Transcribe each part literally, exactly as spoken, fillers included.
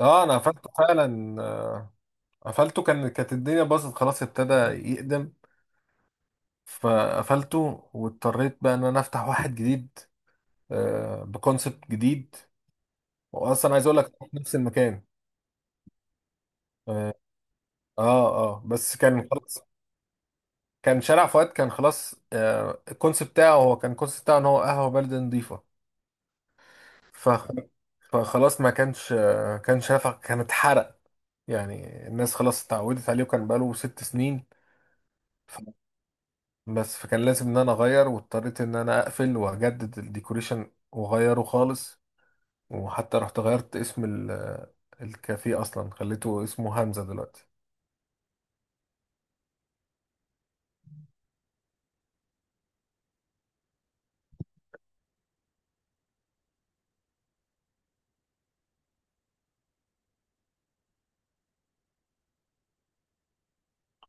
اه انا قفلته فعلا. آه، قفلته كان كانت الدنيا باظت خلاص، ابتدى يقدم، فقفلته واضطريت بقى ان انا افتح واحد جديد، آه، بكونسبت جديد، واصلا عايز اقول لك في نفس المكان. اه. اه. آه، بس كان خلاص. كان شارع فؤاد كان خلاص، آه، الكونسبت بتاعه هو كان الكونسبت بتاعه ان هو قهوه بلد نظيفه. فخ- فخلاص ما كانش، آه، كان شافع كان اتحرق، يعني الناس خلاص اتعودت عليه وكان بقاله ست سنين. بس فكان لازم ان انا اغير، واضطريت ان انا اقفل واجدد الديكوريشن واغيره خالص، وحتى رحت غيرت اسم ال- الكافيه، اصلا خليته اسمه همزة دلوقتي.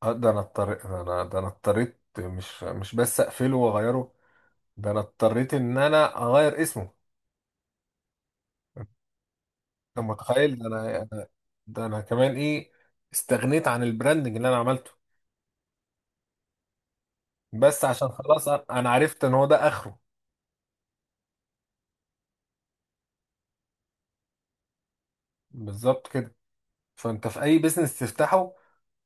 آه، ده انا اضطريت ده انا ده انا اضطريت، مش مش بس اقفله واغيره، ده انا اضطريت ان انا اغير اسمه. انت متخيل؟ ده انا أنا- ده انا كمان ايه، استغنيت عن البراندنج اللي انا عملته. بس عشان خلاص انا أنا عرفت ان هو ده اخره. بالظبط كده. فانت في اي بيزنس تفتحه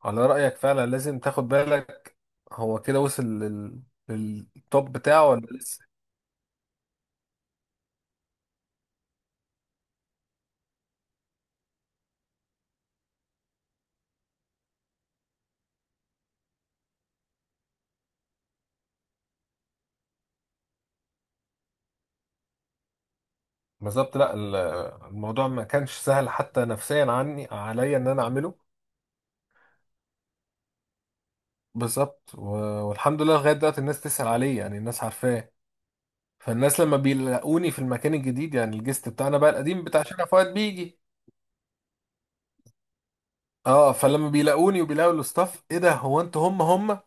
على رأيك فعلا لازم تاخد بالك. هو كده وصل لل... للتوب بتاعه ولا لسه؟ بالظبط. لا، ال- الموضوع ما كانش سهل حتى نفسيا، عني، عليا ان انا اعمله. بالظبط. و... والحمد لله لغاية دلوقتي الناس تسأل عليه، يعني الناس عارفاه، فالناس لما بيلاقوني في المكان الجديد، يعني الجست بتاعنا بقى القديم بتاع شارع فؤاد بيجي. اه. فلما بيلاقوني وبيلاقوا الاستاف، ايه ده؟ هو انتوا هم هم؟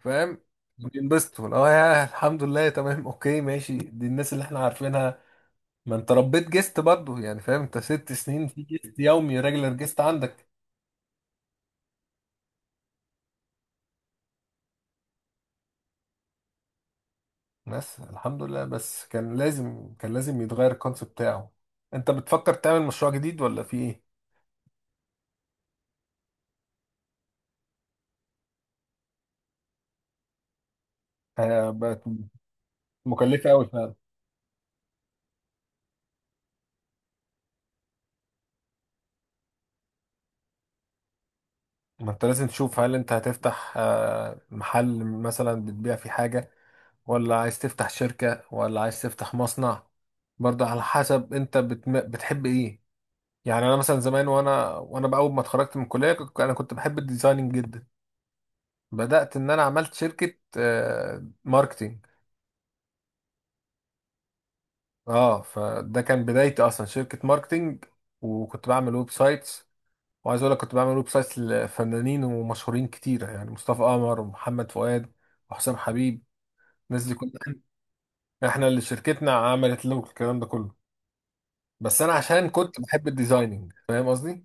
فاهم؟ بينبسطوا. اه، يا الحمد لله، تمام، اوكي، ماشي، دي الناس اللي احنا عارفينها. ما انت ربيت جيست برضه، يعني فاهم، انت ست سنين في جيست يومي، ريجلر جيست عندك. بس الحمد لله. بس كان لازم كان لازم يتغير الكونسيبت بتاعه. انت بتفكر تعمل مشروع جديد ولا في ايه؟ آه، بقت مكلفة قوي فعلا. ما انت لازم تشوف، هل انت هتفتح آه، محل مثلا بتبيع فيه حاجة، ولا عايز تفتح شركة، ولا عايز تفتح مصنع؟ برضه على حسب انت بتم... بتحب ايه. يعني انا مثلا زمان، وانا وانا بأول ما اتخرجت من الكلية كنت- انا كنت بحب الديزايننج جدا. بدأت ان انا عملت شركة آه، ماركتينج. اه، فده كان بدايتي اصلا، شركة ماركتينج، وكنت بعمل ويب سايتس. وعايز اقول لك كنت بعمل ويب سايتس لفنانين ومشهورين كتيرة، يعني مصطفى قمر، ومحمد فؤاد، وحسام حبيب. الناس دي كلها احنا اللي شركتنا عملت له الكلام ده كله، بس انا عشان كنت بحب الديزايننج، فاهم قصدي؟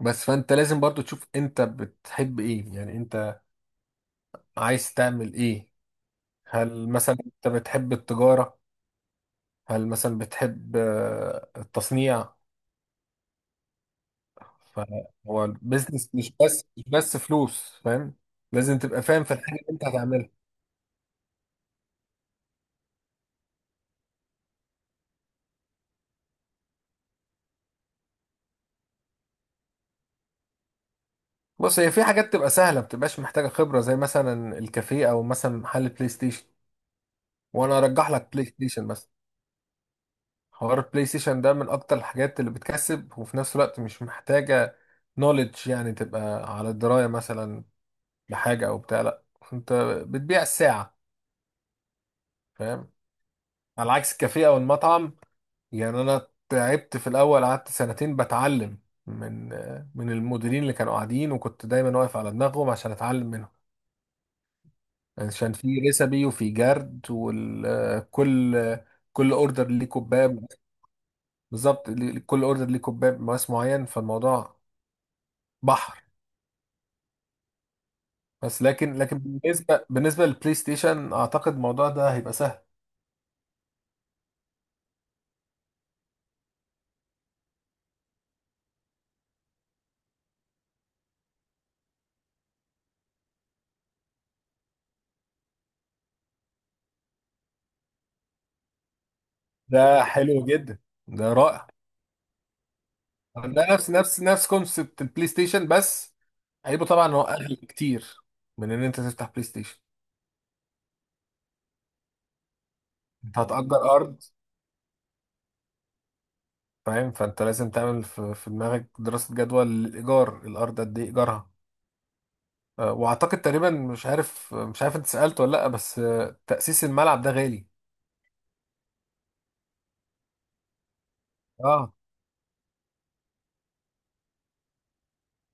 بس فانت لازم برضو تشوف انت بتحب ايه، يعني انت عايز تعمل ايه. هل مثلا انت بتحب التجارة؟ هل مثلا بتحب آه، التصنيع؟ فهو البيزنس مش بس مش بس فلوس، فاهم؟ لازم تبقى فاهم في الحاجة اللي انت هتعملها. بص، هي في حاجات تبقى سهلة، ما بتبقاش محتاجة خبرة، زي مثلا الكافيه، او مثلا محل بلاي ستيشن. وانا ارجح لك بلاي ستيشن مثلا. حوار البلاي ستيشن ده من اكتر الحاجات اللي بتكسب، وفي نفس الوقت مش محتاجة نوليدج، يعني تبقى على دراية مثلا بحاجة او بتاع، لا، انت بتبيع الساعة، فاهم؟ على عكس الكافيه او المطعم. يعني انا تعبت في الاول، قعدت سنتين بتعلم من من المديرين اللي كانوا قاعدين، وكنت دايما واقف على دماغهم عشان اتعلم منهم، عشان في ريسبي، وفي جرد، وكل كل اوردر ليه كوباب. بالظبط. ليه- كل اوردر ليه كوباب مقاس معين، فالموضوع بحر. بس لكن لكن بالنسبه بالنسبه للبلاي ستيشن، اعتقد الموضوع ده هيبقى سهل. ده حلو جدا. ده رائع. ده نفس نفس نفس كونسبت البلاي ستيشن، بس عيبه طبعا إن هو اغلى كتير من ان انت تفتح بلاي ستيشن. انت هتأجر ارض، فاهم؟ فانت لازم تعمل في في دماغك دراسة جدوى، الايجار، الارض قد ايه ايجارها. آه، واعتقد تقريبا، مش عارف مش عارف انت سألت ولا لا، بس آه، تأسيس الملعب ده غالي. اه.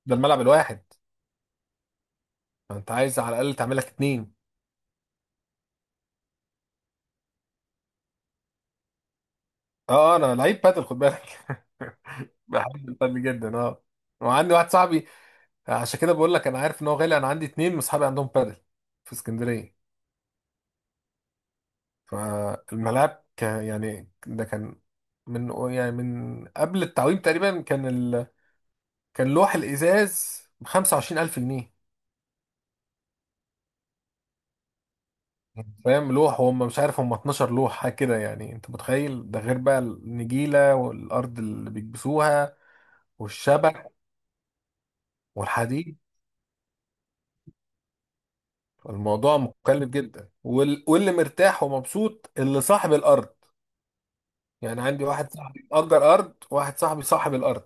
ده الملعب الواحد، فانت عايز على الاقل تعمل لك اتنين. اه. آه، انا لعيب بادل، خد بالك. بحب البادل جدا، اه. وعندي واحد صاحبي، عشان كده بقول لك انا عارف ان هو غالي. انا عندي اتنين من اصحابي عندهم بادل في اسكندريه، فالملاعب كان، يعني ده كان من، يعني من قبل التعويم تقريبا، كان ال... كان لوح الازاز ب خمسة وعشرين الف جنيه، فاهم؟ لوح. وهم مش عارف هم اتناشر لوح حاجه كده، يعني انت متخيل؟ ده غير بقى النجيله، والارض اللي بيكبسوها، والشبك، والحديد. الموضوع مكلف جدا، وال... واللي مرتاح ومبسوط اللي صاحب الارض. يعني عندي واحد صاحبي اجر ارض، واحد صاحبي صاحب الارض،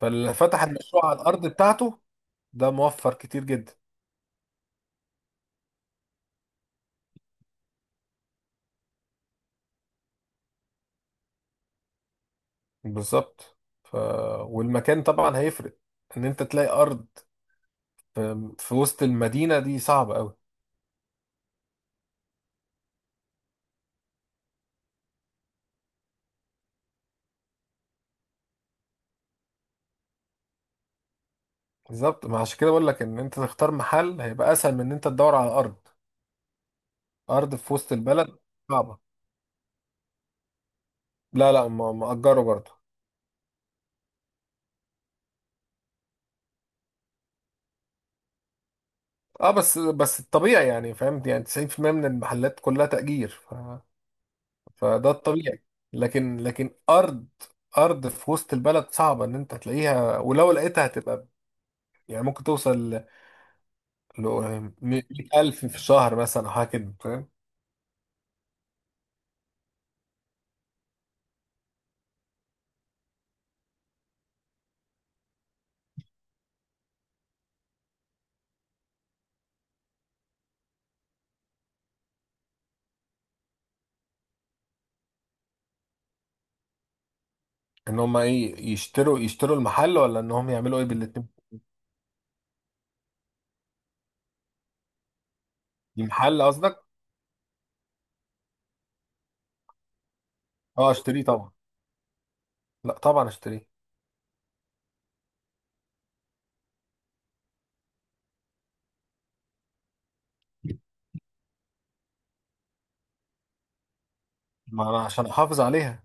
فاللي فتح المشروع على الارض بتاعته ده موفر كتير جدا. بالظبط. ف... والمكان طبعا هيفرق. ان انت تلاقي ارض في في وسط المدينه دي صعبه قوي. بالظبط، ما عشان كده بقول لك ان انت تختار محل هيبقى اسهل من ان انت تدور على ارض. ارض في وسط البلد صعبه. لا لا، م- مأجره برضه. اه. بس بس الطبيعي، يعني فهمت، يعني تسعون في المئة من المحلات كلها تأجير. ف فده الطبيعي. لكن لكن ارض ارض في وسط البلد صعبه ان انت تلاقيها، ولو لقيتها هتبقى، يعني ممكن توصل ل مية الف في الشهر مثلا، او حاجه كده، فاهم؟ ان هم ايه، يشتروا يشتروا المحل، ولا ان هم يعملوا ايه بالاتنين؟ المحل قصدك؟ اه اشتريه طبعا. لا طبعا اشتريه. ما انا عشان احافظ عليها.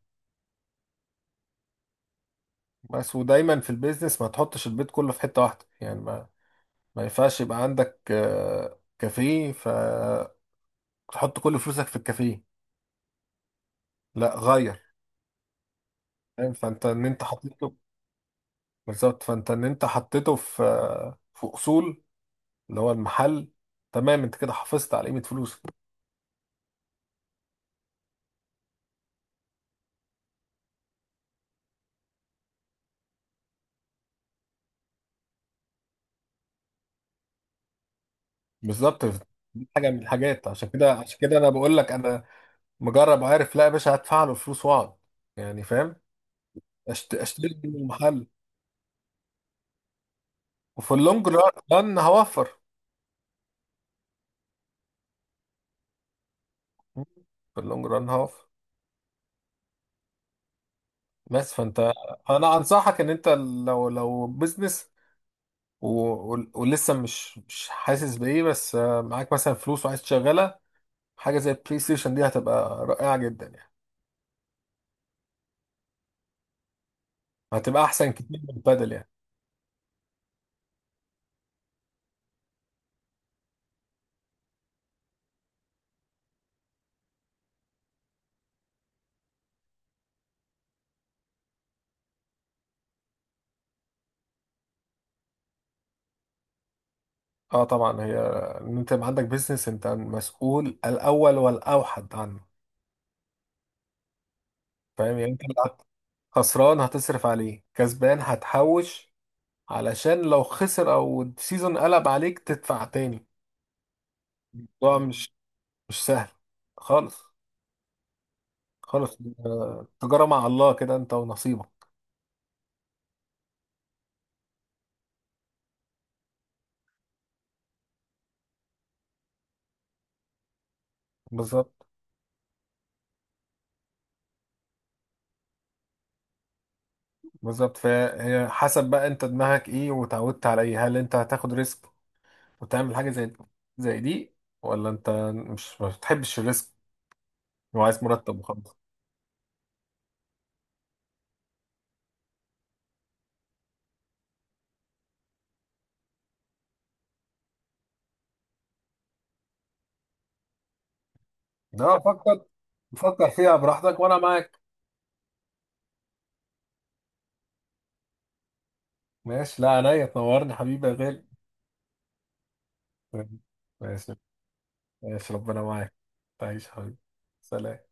بس ودايما في البيزنس ما تحطش البيت كله في حته واحده، يعني ما ما ينفعش يبقى عندك آه، كافيه فتحط كل فلوسك في الكافيه، لا غير. فاهم؟ فانت ان انت حطيته، بالظبط، فانت ان انت حطيته في في اصول، اللي هو المحل، تمام، انت كده حافظت على قيمه فلوسك. بالظبط. دي حاجه من الحاجات، عشان كده عشان كده انا بقول لك، انا مجرب وعارف، لا يا باشا هدفع له فلوس واقعد، يعني فاهم؟ أشت- اشتري من المحل، وفي اللونج ران هوفر في اللونج ران هوفر. بس فانت، انا انصحك ان انت، لو لو بزنس، و... و- ولسه مش مش حاسس بايه، بس آه، معاك مثلا فلوس وعايز تشغلها، حاجه زي البلاي ستيشن دي هتبقى رائعه جدا يعني، هتبقى احسن كتير من البادل يعني. اه طبعا. هي ان انت يبقى عندك بيزنس، انت مسؤول الاول والاوحد عنه، فاهم يعني؟ انت لو خسران هتصرف عليه، كسبان هتحوش، علشان لو خسر او السيزون قلب عليك تدفع تاني. الموضوع مش مش سهل خالص. خالص. آه، تجارة مع الله كده، انت ونصيبك. بالظبط. بالظبط، فهي حسب بقى انت دماغك ايه، وتعودت على ايه. هل انت هتاخد ريسك وتعمل حاجة زي زي دي، ولا انت مش ما بتحبش الريسك، وعايز مرتب وخلاص؟ لا، فكر، فكر فيها براحتك، وانا معاك. ماشي. لا، عينيا، تنورني حبيبي يا غالي. طيب. ماشي، ماشي، ربنا معاك. تعيش حبيبي. سلام.